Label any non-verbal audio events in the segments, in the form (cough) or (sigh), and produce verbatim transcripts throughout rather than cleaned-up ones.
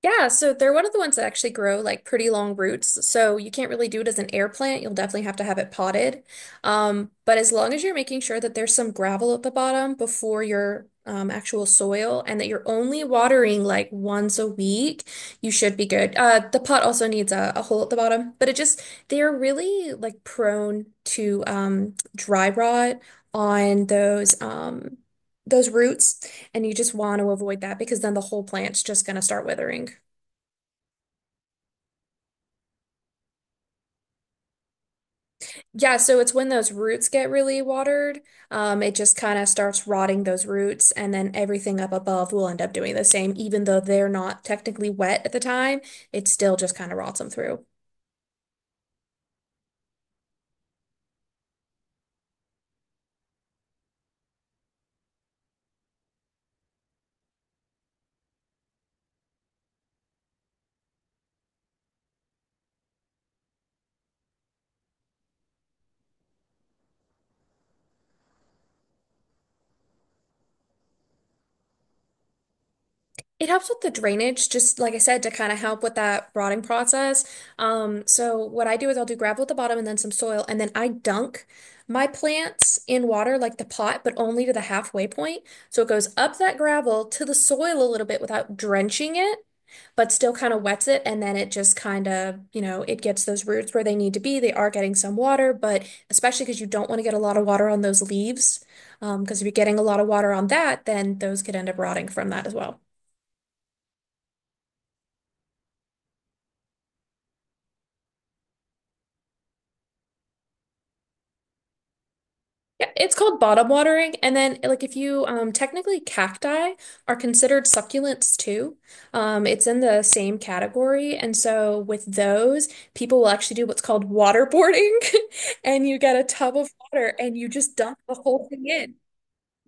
Yeah, so they're one of the ones that actually grow like pretty long roots. So you can't really do it as an air plant. You'll definitely have to have it potted. Um, but as long as you're making sure that there's some gravel at the bottom before your um, actual soil and that you're only watering like once a week, you should be good. Uh, the pot also needs a, a hole at the bottom, but it just, they're really like prone to um, dry rot on those, um, those roots. And you just want to avoid that because then the whole plant's just going to start withering. Yeah, so it's when those roots get really watered, um, it just kind of starts rotting those roots, and then everything up above will end up doing the same, even though they're not technically wet at the time, it still just kind of rots them through. It helps with the drainage, just like I said, to kind of help with that rotting process. Um, so what I do is I'll do gravel at the bottom and then some soil, and then I dunk my plants in water like the pot, but only to the halfway point. So it goes up that gravel to the soil a little bit without drenching it but still kind of wets it. And then it just kind of, you know, it gets those roots where they need to be. They are getting some water, but especially because you don't want to get a lot of water on those leaves. Um, because if you're getting a lot of water on that, then those could end up rotting from that as well. Yeah, it's called bottom watering. And then, like, if you um, technically cacti are considered succulents too, um, it's in the same category. And so, with those, people will actually do what's called waterboarding, (laughs) and you get a tub of water and you just dump the whole thing in.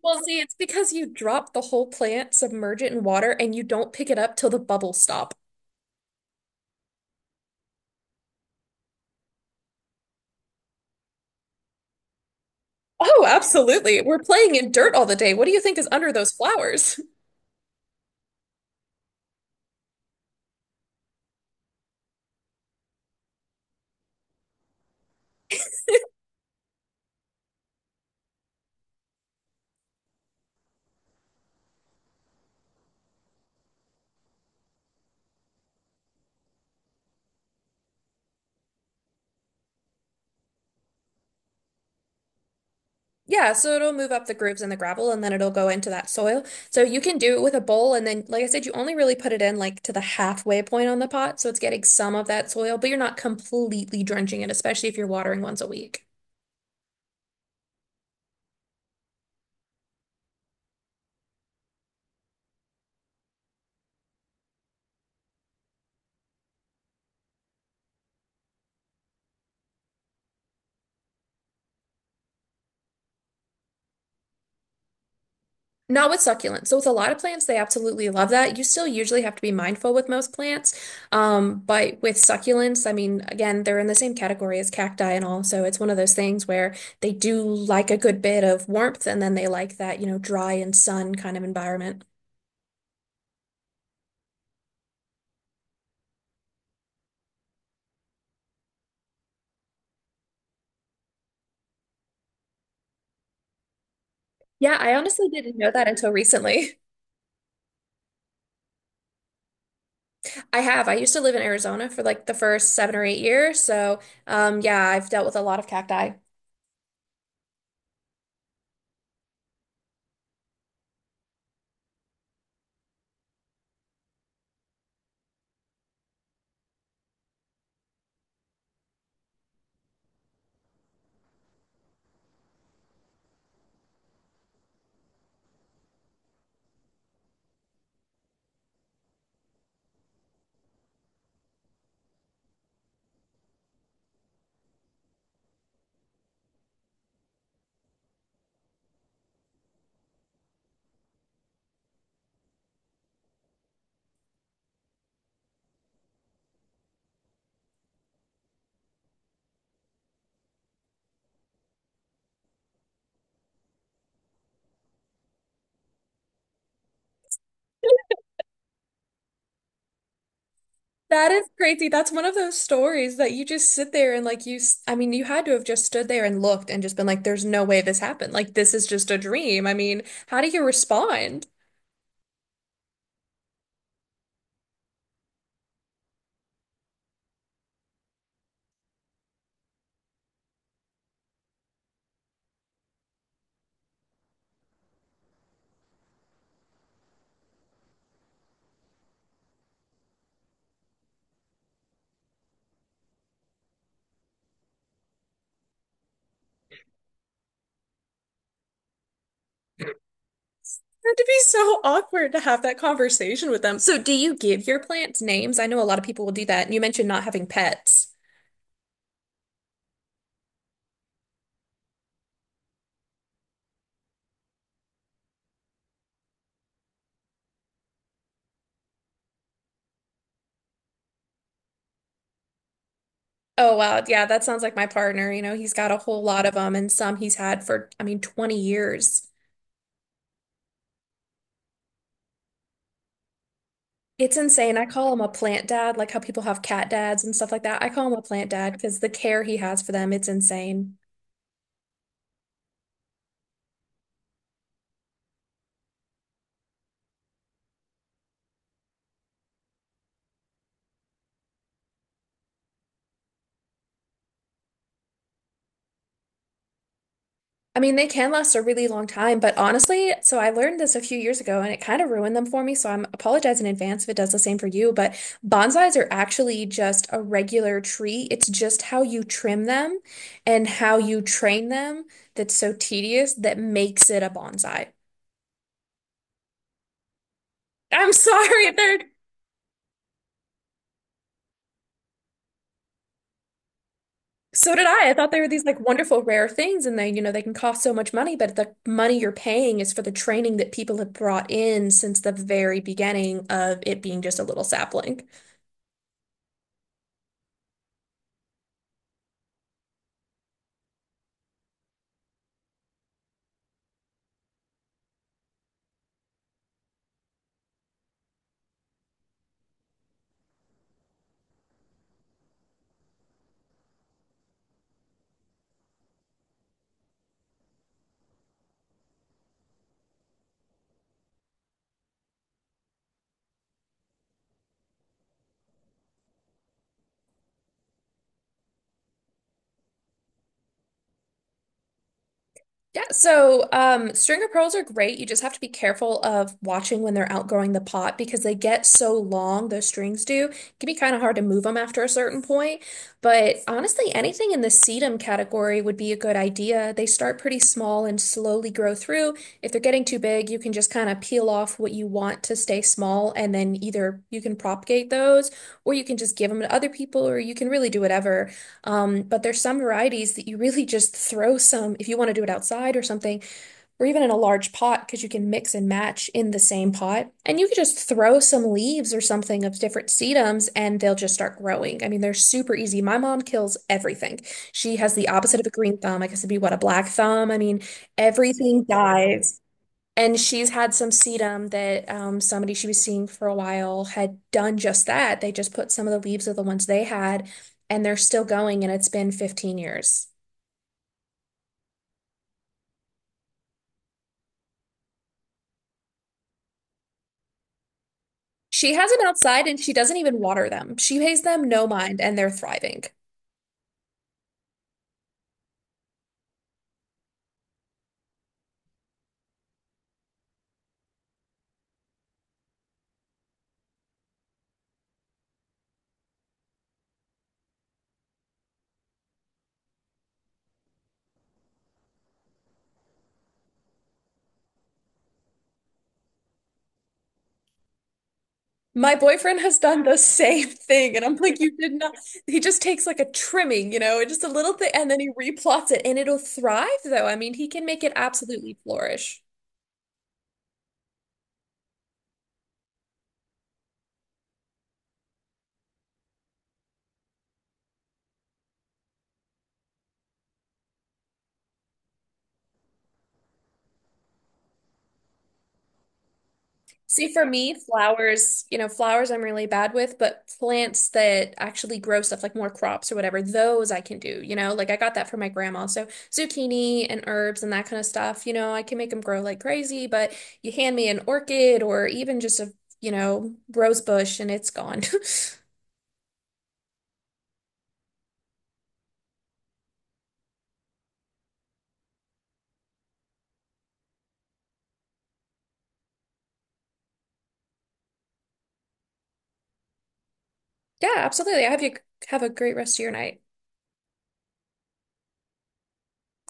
Well, see, it's because you drop the whole plant, submerge it in water, and you don't pick it up till the bubbles stop. Oh, absolutely. We're playing in dirt all the day. What do you think is under those flowers? (laughs) Yeah, so it'll move up the grooves in the gravel and then it'll go into that soil. So you can do it with a bowl, and then like I said, you only really put it in like to the halfway point on the pot, so it's getting some of that soil, but you're not completely drenching it, especially if you're watering once a week. Not with succulents. So with a lot of plants, they absolutely love that. You still usually have to be mindful with most plants. Um, but with succulents, I mean, again, they're in the same category as cacti and all. So it's one of those things where they do like a good bit of warmth and then they like that, you know, dry and sun kind of environment. Yeah, I honestly didn't know that until recently. (laughs) I have. I used to live in Arizona for like the first seven or eight years. So, um, yeah, I've dealt with a lot of cacti. That is crazy. That's one of those stories that you just sit there and like you, s- I mean, you had to have just stood there and looked and just been like, there's no way this happened. Like, this is just a dream. I mean, how do you respond? It had to be so awkward to have that conversation with them. So, do you give your plants names? I know a lot of people will do that. And you mentioned not having pets. Oh, wow. Yeah, that sounds like my partner. You know, he's got a whole lot of them and some he's had for, I mean, twenty years. It's insane. I call him a plant dad, like how people have cat dads and stuff like that. I call him a plant dad because the care he has for them, it's insane. I mean, they can last a really long time, but honestly, so I learned this a few years ago and it kind of ruined them for me. So I'm apologize in advance if it does the same for you, but bonsais are actually just a regular tree. It's just how you trim them and how you train them that's so tedious that makes it a bonsai. I'm sorry, (laughs) they're So did I. I thought they were these like wonderful rare things and they, you know, they can cost so much money, but the money you're paying is for the training that people have brought in since the very beginning of it being just a little sapling. Yeah, so um, stringer pearls are great. You just have to be careful of watching when they're outgrowing the pot because they get so long, those strings do. It can be kind of hard to move them after a certain point. But honestly, anything in the sedum category would be a good idea. They start pretty small and slowly grow through. If they're getting too big, you can just kind of peel off what you want to stay small, and then either you can propagate those, or you can just give them to other people, or you can really do whatever. Um, but there's some varieties that you really just throw some, if you want to do it outside or something, or even in a large pot, because you can mix and match in the same pot. And you could just throw some leaves or something of different sedums and they'll just start growing. I mean, they're super easy. My mom kills everything. She has the opposite of a green thumb. I guess it'd be what, a black thumb? I mean, everything dies. And she's had some sedum that um, somebody she was seeing for a while had done just that. They just put some of the leaves of the ones they had, and they're still going, and it's been fifteen years. She has them outside and she doesn't even water them. She pays them no mind, and they're thriving. My boyfriend has done the same (laughs) thing, and I'm like, you did not. He just takes like a trimming, you know, just a little thing, and then he replots it, and it'll thrive, though. I mean, he can make it absolutely flourish. See, for me, flowers, you know, flowers I'm really bad with, but plants that actually grow stuff like more crops or whatever, those I can do, you know, like I got that from my grandma. So zucchini and herbs and that kind of stuff, you know, I can make them grow like crazy, but you hand me an orchid or even just a, you know, rose bush and it's gone. (laughs) Yeah, absolutely. I have you have a great rest of your night.